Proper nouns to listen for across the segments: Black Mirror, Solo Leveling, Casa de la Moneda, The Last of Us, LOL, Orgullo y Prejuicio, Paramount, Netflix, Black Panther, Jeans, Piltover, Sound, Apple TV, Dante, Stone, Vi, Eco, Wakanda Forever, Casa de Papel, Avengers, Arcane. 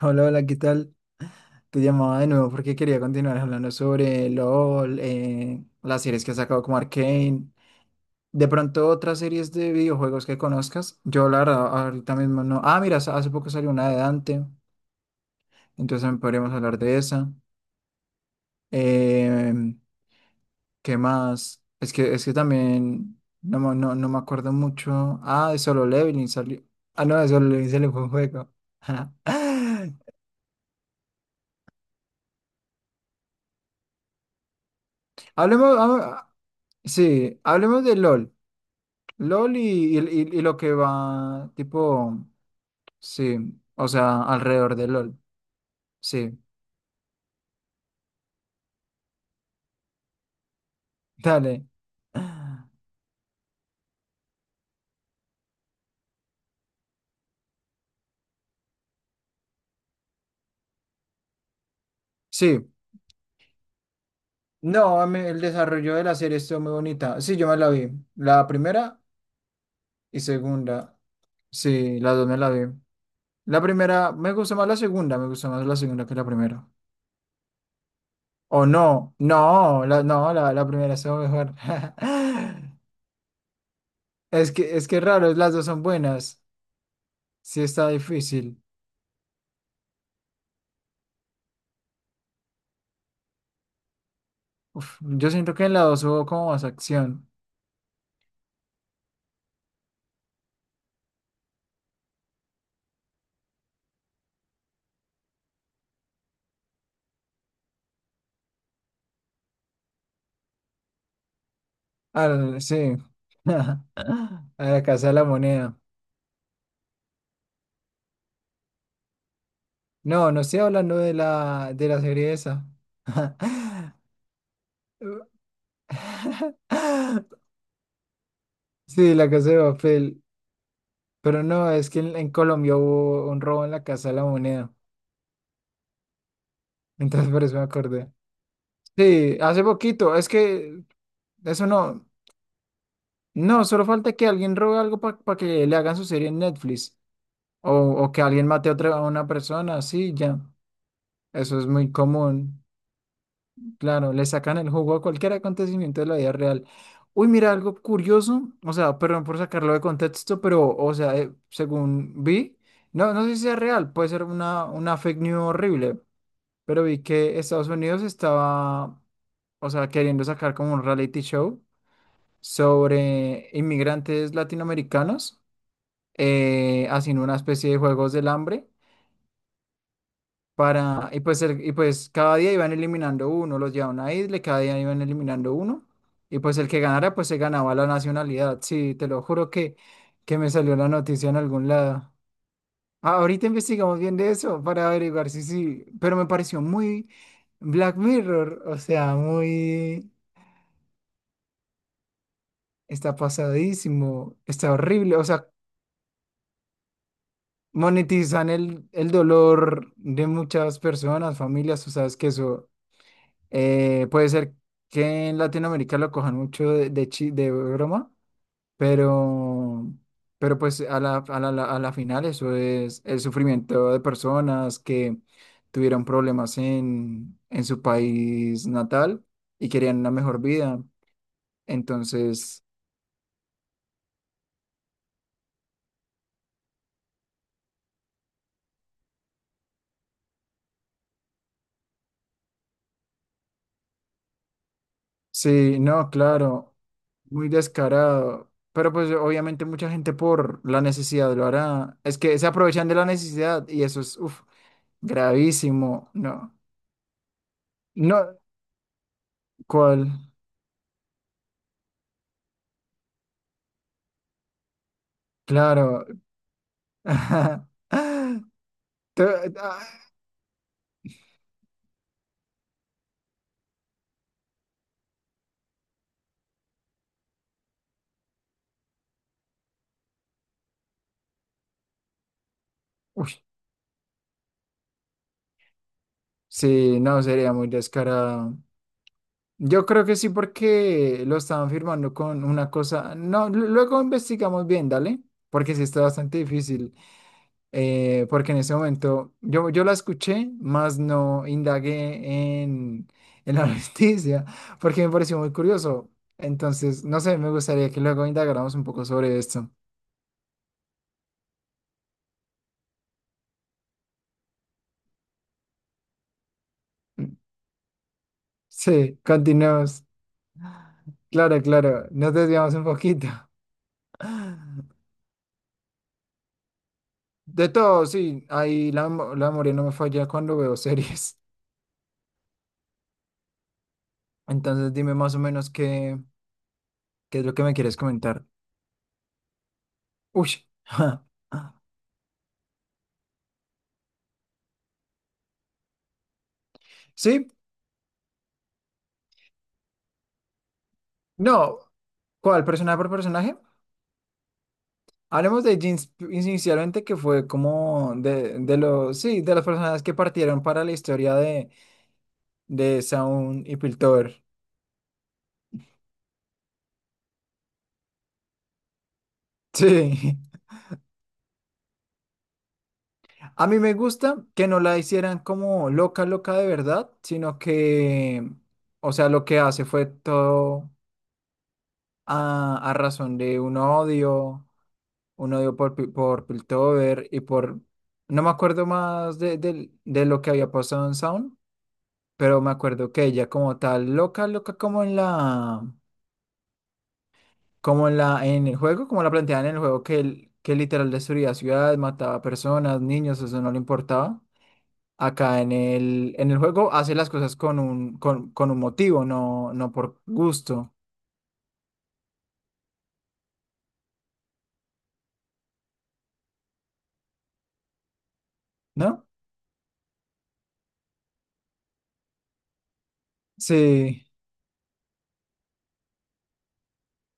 Hola, hola, ¿qué tal? Te llamaba de nuevo porque quería continuar hablando sobre LOL, las series que ha sacado como Arcane, de pronto otras series de videojuegos que conozcas. Yo la verdad ahorita mismo no. Ah, mira, hace poco salió una de Dante, entonces también podríamos hablar de esa. Eh, ¿Qué más? Es que también no, no me acuerdo mucho. Ah, de Solo Leveling salió. Ah, no, de Solo Leveling salió fue un juego. Hablemos, ah, sí, hablemos de LOL. LOL y lo que va, tipo, sí, o sea, alrededor de LOL, sí, dale. Sí, no, a mí el desarrollo de la serie estuvo muy bonita. Sí, yo me la vi, la primera y segunda, sí, las dos me la vi. La primera, me gustó más la segunda, me gustó más la segunda que la primera. O no, no, la primera estuvo mejor. Es que raro, las dos son buenas, sí está difícil. Uf, yo siento que en la 2 hubo como más acción. Al, sí. A la Casa de la Moneda. No, no estoy hablando de la serie esa. Sí, la Casa de Papel. Pero no, es que en Colombia hubo un robo en la Casa de la Moneda. Entonces por eso me acordé. Sí, hace poquito. Es que eso no. No, solo falta que alguien robe algo para que le hagan su serie en Netflix. O, o que alguien mate a otra a una persona, sí, ya. Eso es muy común. Claro, le sacan el jugo a cualquier acontecimiento de la vida real. Uy, mira, algo curioso, o sea, perdón por sacarlo de contexto, pero, o sea, según vi, no, no sé si sea real, puede ser una fake news horrible, pero vi que Estados Unidos estaba, o sea, queriendo sacar como un reality show sobre inmigrantes latinoamericanos, haciendo una especie de juegos del hambre. Para, y pues, y pues cada día iban eliminando uno, los llevaban a una isla, y cada día iban eliminando uno, y pues el que ganara, pues se ganaba la nacionalidad. Sí, te lo juro que me salió la noticia en algún lado. Ah, ahorita investigamos bien de eso para averiguar si sí, pero me pareció muy Black Mirror, o sea, muy, está pasadísimo, está horrible, o sea, monetizan el dolor de muchas personas, familias, tú sabes que eso. Puede ser que en Latinoamérica lo cojan mucho de broma, pero, pero pues a la final eso es el sufrimiento de personas que tuvieron problemas en su país natal y querían una mejor vida. Entonces, sí, no, claro, muy descarado. Pero pues obviamente mucha gente por la necesidad lo hará. Es que se aprovechan de la necesidad y eso es, uf, gravísimo, no. No, ¿cuál? Claro. Ah, uy, sí, no, sería muy descarado. Yo creo que sí, porque lo estaban firmando con una cosa. No, luego investigamos bien, dale, porque sí está bastante difícil. Eh, porque en ese momento yo la escuché, más no indagué en la noticia, porque me pareció muy curioso. Entonces, no sé, me gustaría que luego indagáramos un poco sobre esto. Sí, continuemos. Claro, claro, nos desviamos un poquito. De todo, sí, la memoria no me falla cuando veo series. Entonces dime más o menos qué, qué es lo que me quieres comentar. Uy. Sí, no, ¿cuál? ¿Personaje por personaje? Hablemos de Jeans inicialmente, que fue como de los, sí, de las personas que partieron para la historia de Sound y Piltover. Sí. A mí me gusta que no la hicieran como loca, loca de verdad, sino que, o sea, lo que hace fue todo a razón de un odio por, por Piltover y por, no me acuerdo más de lo que había pasado en Sound, pero me acuerdo que ella como tal, loca, como en la, en el juego, como la planteaban en el juego, que, que literal destruía ciudades, mataba personas, niños, eso no le importaba. Acá en el juego hace las cosas con un, con un motivo, no, no por gusto, ¿no? Sí,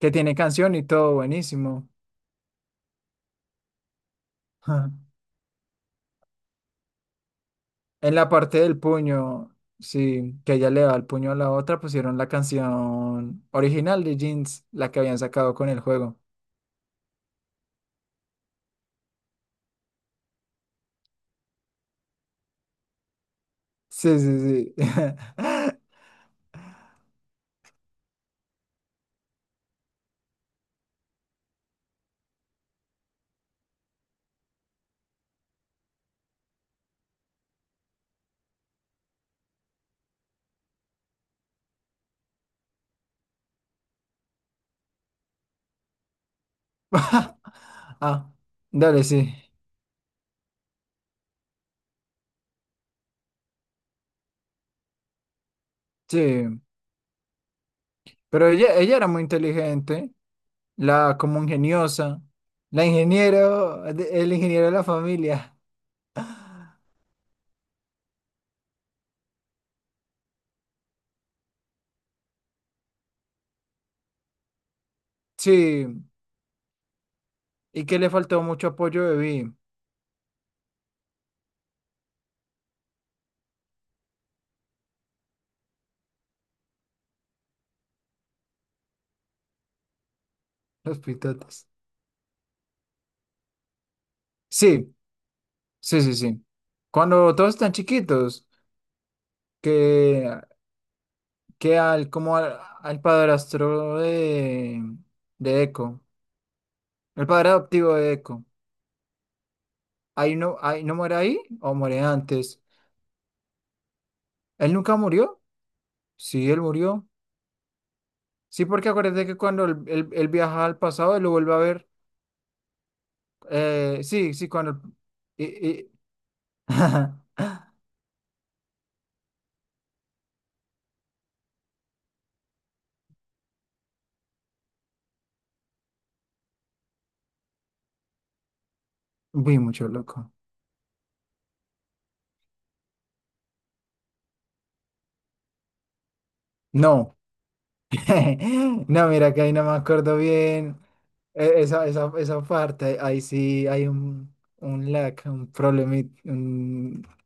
que tiene canción y todo buenísimo. Ajá. En la parte del puño, sí, que ella le da el puño a la otra, pusieron la canción original de Jeans, la que habían sacado con el juego. Sí, sí, sí. Ah, dale, sí. Sí. Pero ella era muy inteligente. La como ingeniosa. La ingeniero, el ingeniero de la familia. Sí. ¿Y que le faltó mucho apoyo de Vi? Los pitotes. Sí, sí, sí, sí. Cuando todos están chiquitos, que, al padrastro de Eco, el padre adoptivo de Eco, ahí no muere ahí o muere antes. ¿Él nunca murió? Sí, él murió. Sí, porque acuérdate que cuando él viaja al pasado, él lo vuelve a ver. Sí, sí, cuando... y- y- Vi mucho loco. No, no, mira que ahí no me acuerdo bien esa parte. Ahí sí hay un lag, un problema.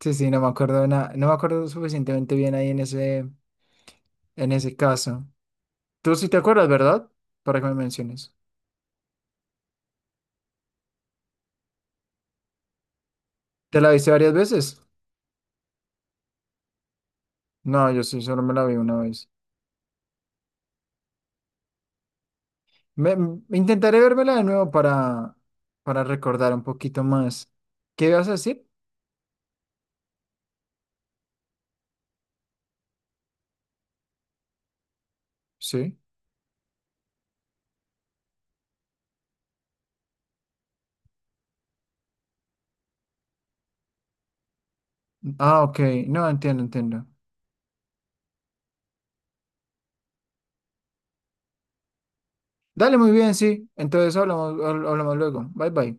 Sí, sí, no me acuerdo nada. No me acuerdo suficientemente bien ahí en ese caso. Tú sí te acuerdas, ¿verdad? Para que me menciones. ¿Te la viste varias veces? No, yo sí, solo me la vi una vez. Me intentaré vérmela de nuevo para recordar un poquito más. ¿Qué ibas a decir? Sí. Ah, ok. No, entiendo, entiendo. Dale, muy bien, sí. Entonces hablamos, hablamos luego. Bye, bye.